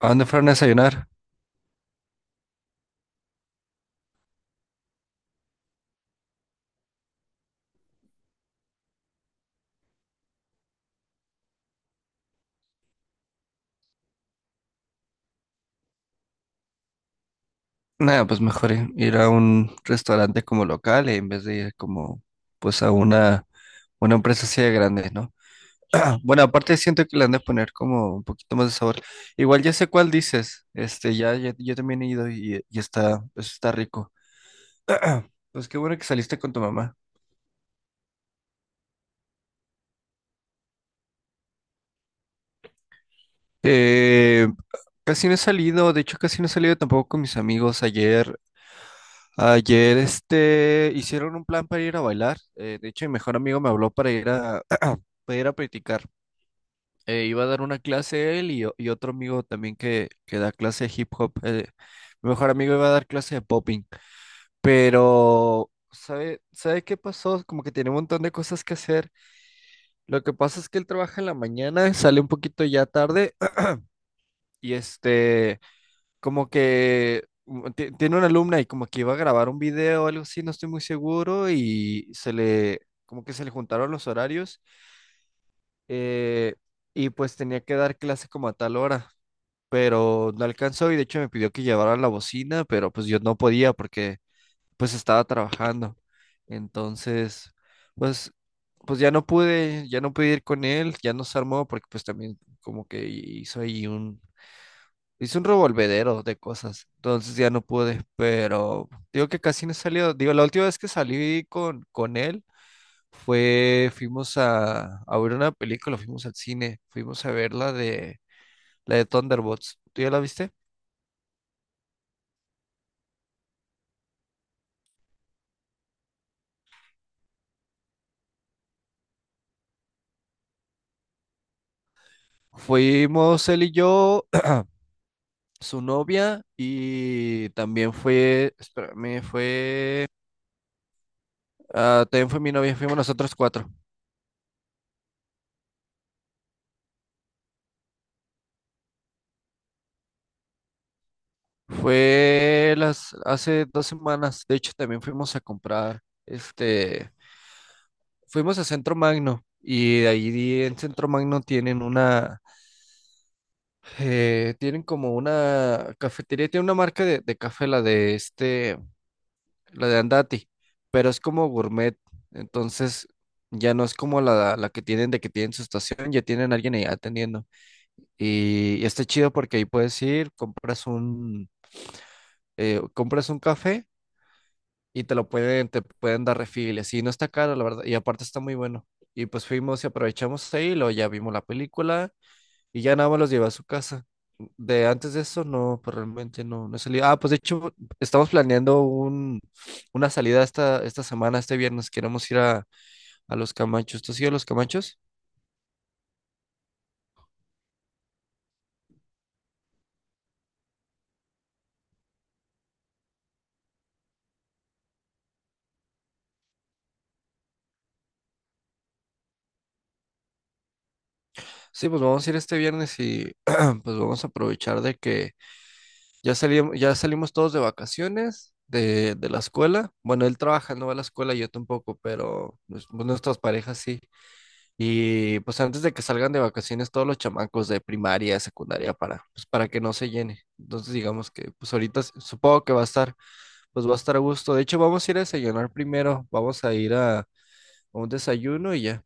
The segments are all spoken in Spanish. ¿A dónde fueron a desayunar? Nada, pues mejor ir a un restaurante como local en vez de ir como pues a una empresa así de grande, ¿no? Bueno, aparte siento que le han de poner como un poquito más de sabor. Igual ya sé cuál dices. Este, yo también he ido y está, pues, está rico. Pues qué bueno que saliste con tu mamá. Eh, Casi no he salido, de hecho casi no he salido tampoco con mis amigos. Ayer hicieron un plan para ir a bailar. De hecho, mi mejor amigo me habló para para ir a practicar. Iba a dar una clase él y otro amigo también que da clase de hip hop. Mi mejor amigo iba a dar clase de popping. Pero, ¿ sabe qué pasó? Como que tiene un montón de cosas que hacer. Lo que pasa es que él trabaja en la mañana, sale un poquito ya tarde y este... Como que tiene una alumna y como que iba a grabar un video o algo así, no estoy muy seguro, y como que se le juntaron los horarios, eh, y pues tenía que dar clase como a tal hora, pero no alcanzó y de hecho me pidió que llevara la bocina, pero pues yo no podía porque pues estaba trabajando. Entonces, pues, pues ya no pude ir con él, ya no se armó porque pues también como que hizo ahí Hice un revolvedero de cosas, entonces ya no pude, pero digo que casi no he salido. Digo, la última vez que salí con él fuimos a ver una película, fuimos al cine, fuimos a ver la de Thunderbolts. ¿Tú ya la viste? Fuimos él y yo, su novia, y también fue, espérame, fue, ah, también fue mi novia, fuimos nosotros cuatro. Hace dos semanas, de hecho también fuimos a comprar, este... Fuimos a Centro Magno y de ahí en Centro Magno tienen una, tienen como una cafetería, tiene una marca de café, la de Andati, pero es como gourmet, entonces ya no es como la que tienen de que tienen su estación, ya tienen alguien ahí atendiendo. Y está chido porque ahí puedes compras un café y te pueden dar refill, y así no está caro, la verdad, y aparte está muy bueno. Y pues fuimos y aprovechamos ahí, luego ya vimos la película y ya nada más los llevé a su casa. De antes de eso, no, pues realmente no he salido. Ah, pues de hecho, estamos planeando un, una salida esta semana, este viernes. Queremos ir a Los Camachos. ¿Tú has ido a Los Camachos? Sí, pues vamos a ir este viernes y pues vamos a aprovechar de que ya salimos, ya salimos todos de vacaciones de la escuela. Bueno, él trabaja, no va a la escuela, yo tampoco, pero pues, pues, nuestras parejas sí. Y pues antes de que salgan de vacaciones todos los chamacos de primaria, secundaria, para, pues, para que no se llene. Entonces digamos que pues ahorita supongo que va a estar, pues va a estar a gusto. De hecho, vamos a ir a desayunar primero, vamos a ir a un desayuno y ya.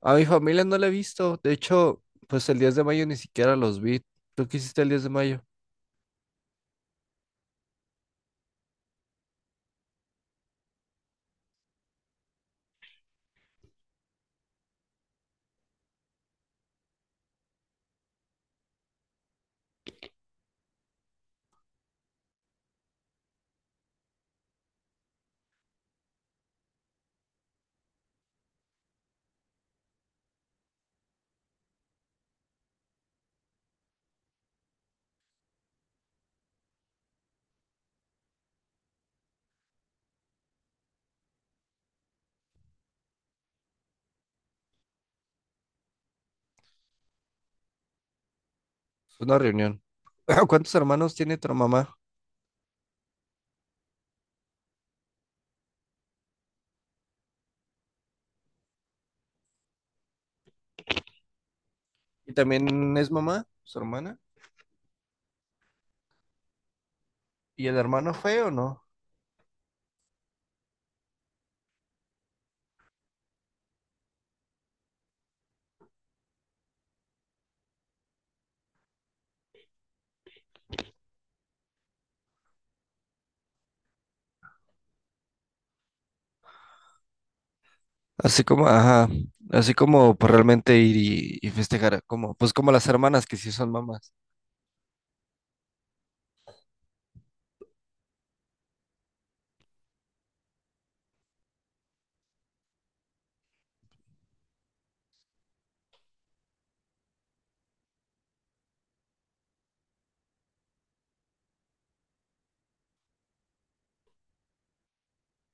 A mi familia no la he visto, de hecho, pues el 10 de mayo ni siquiera los vi. ¿Tú qué hiciste el 10 de mayo? Es una reunión. ¿Cuántos hermanos tiene tu mamá? ¿Y también es mamá, su hermana? ¿Y el hermano fue o no? Así como, ajá, así como pues, realmente ir y festejar, como, pues como las hermanas que sí son mamás.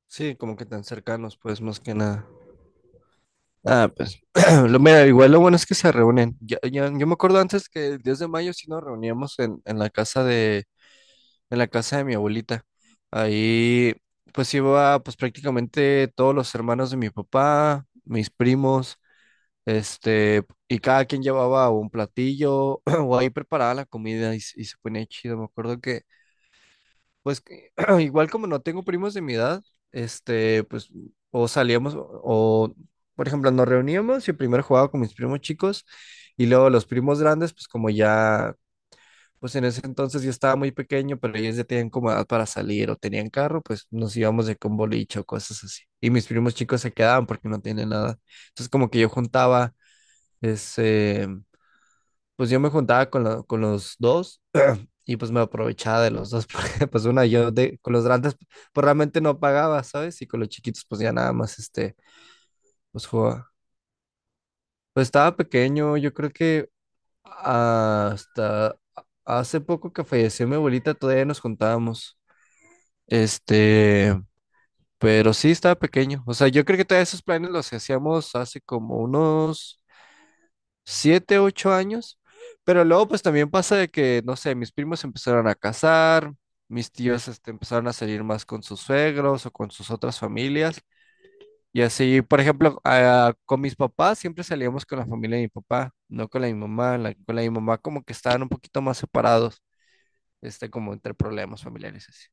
Sí, como que tan cercanos, pues más que nada. Ah, pues, lo, mira, igual lo bueno es que se reúnen. Yo me acuerdo antes que el 10 de mayo sí nos reuníamos en la casa en la casa de mi abuelita. Ahí pues iba pues prácticamente todos los hermanos de mi papá, mis primos, este, y cada quien llevaba un platillo o ahí preparaba la comida se y se ponía chido. Me acuerdo que pues que igual como no tengo primos de mi edad, este, pues o salíamos o, por ejemplo, nos reuníamos y primero jugaba con mis primos chicos y luego los primos grandes pues como ya pues en ese entonces yo estaba muy pequeño, pero ellos ya tenían como edad para salir o tenían carro, pues nos íbamos de con boliche o cosas así. Y mis primos chicos se quedaban porque no tienen nada. Entonces como que yo juntaba, ese, pues yo me juntaba con los dos y pues me aprovechaba de los dos, porque pues una yo con los grandes pues realmente no pagaba, ¿sabes? Y con los chiquitos pues ya nada más este, pues jugaba. Pues estaba pequeño, yo creo que hasta hace poco que falleció mi abuelita todavía nos juntábamos. Este, pero sí estaba pequeño. O sea, yo creo que todos esos planes los hacíamos hace como unos siete, ocho años. Pero luego, pues también pasa de que, no sé, mis primos se empezaron a casar, mis tíos este, empezaron a salir más con sus suegros o con sus otras familias. Y así, por ejemplo, ah, con mis papás siempre salíamos con la familia de mi papá, no con la de mi mamá. Con la de mi mamá como que estaban un poquito más separados, este, como entre problemas familiares. Así.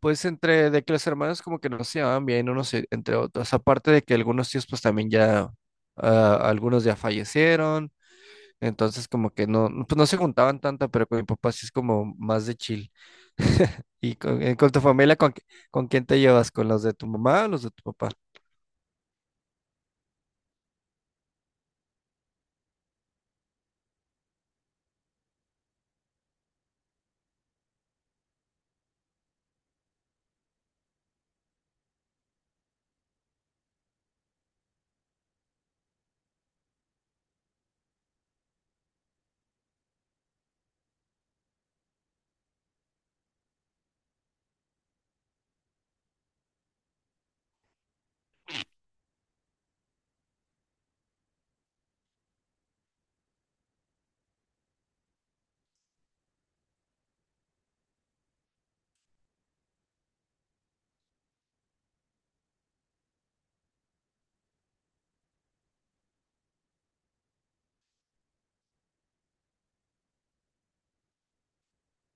Pues entre de que los hermanos como que no se llevaban bien unos entre otros, aparte de que algunos tíos pues también ya, ah, algunos ya fallecieron, entonces como que no, pues no se juntaban tanto, pero con mi papá sí es como más de chill. ¿Y con tu familia, con quién te llevas? ¿Con los de tu mamá o los de tu papá?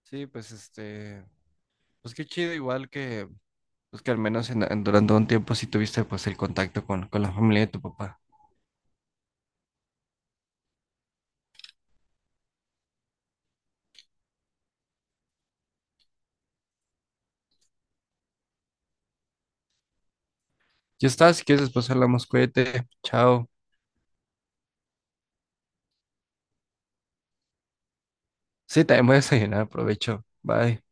Sí, pues este, pues qué chido, igual que, pues que al menos durante un tiempo sí tuviste pues el contacto con la familia de tu papá. Ya está, si quieres después hablamos, cuídate, chao. Sí, también voy a desayunar, aprovecho. Bye.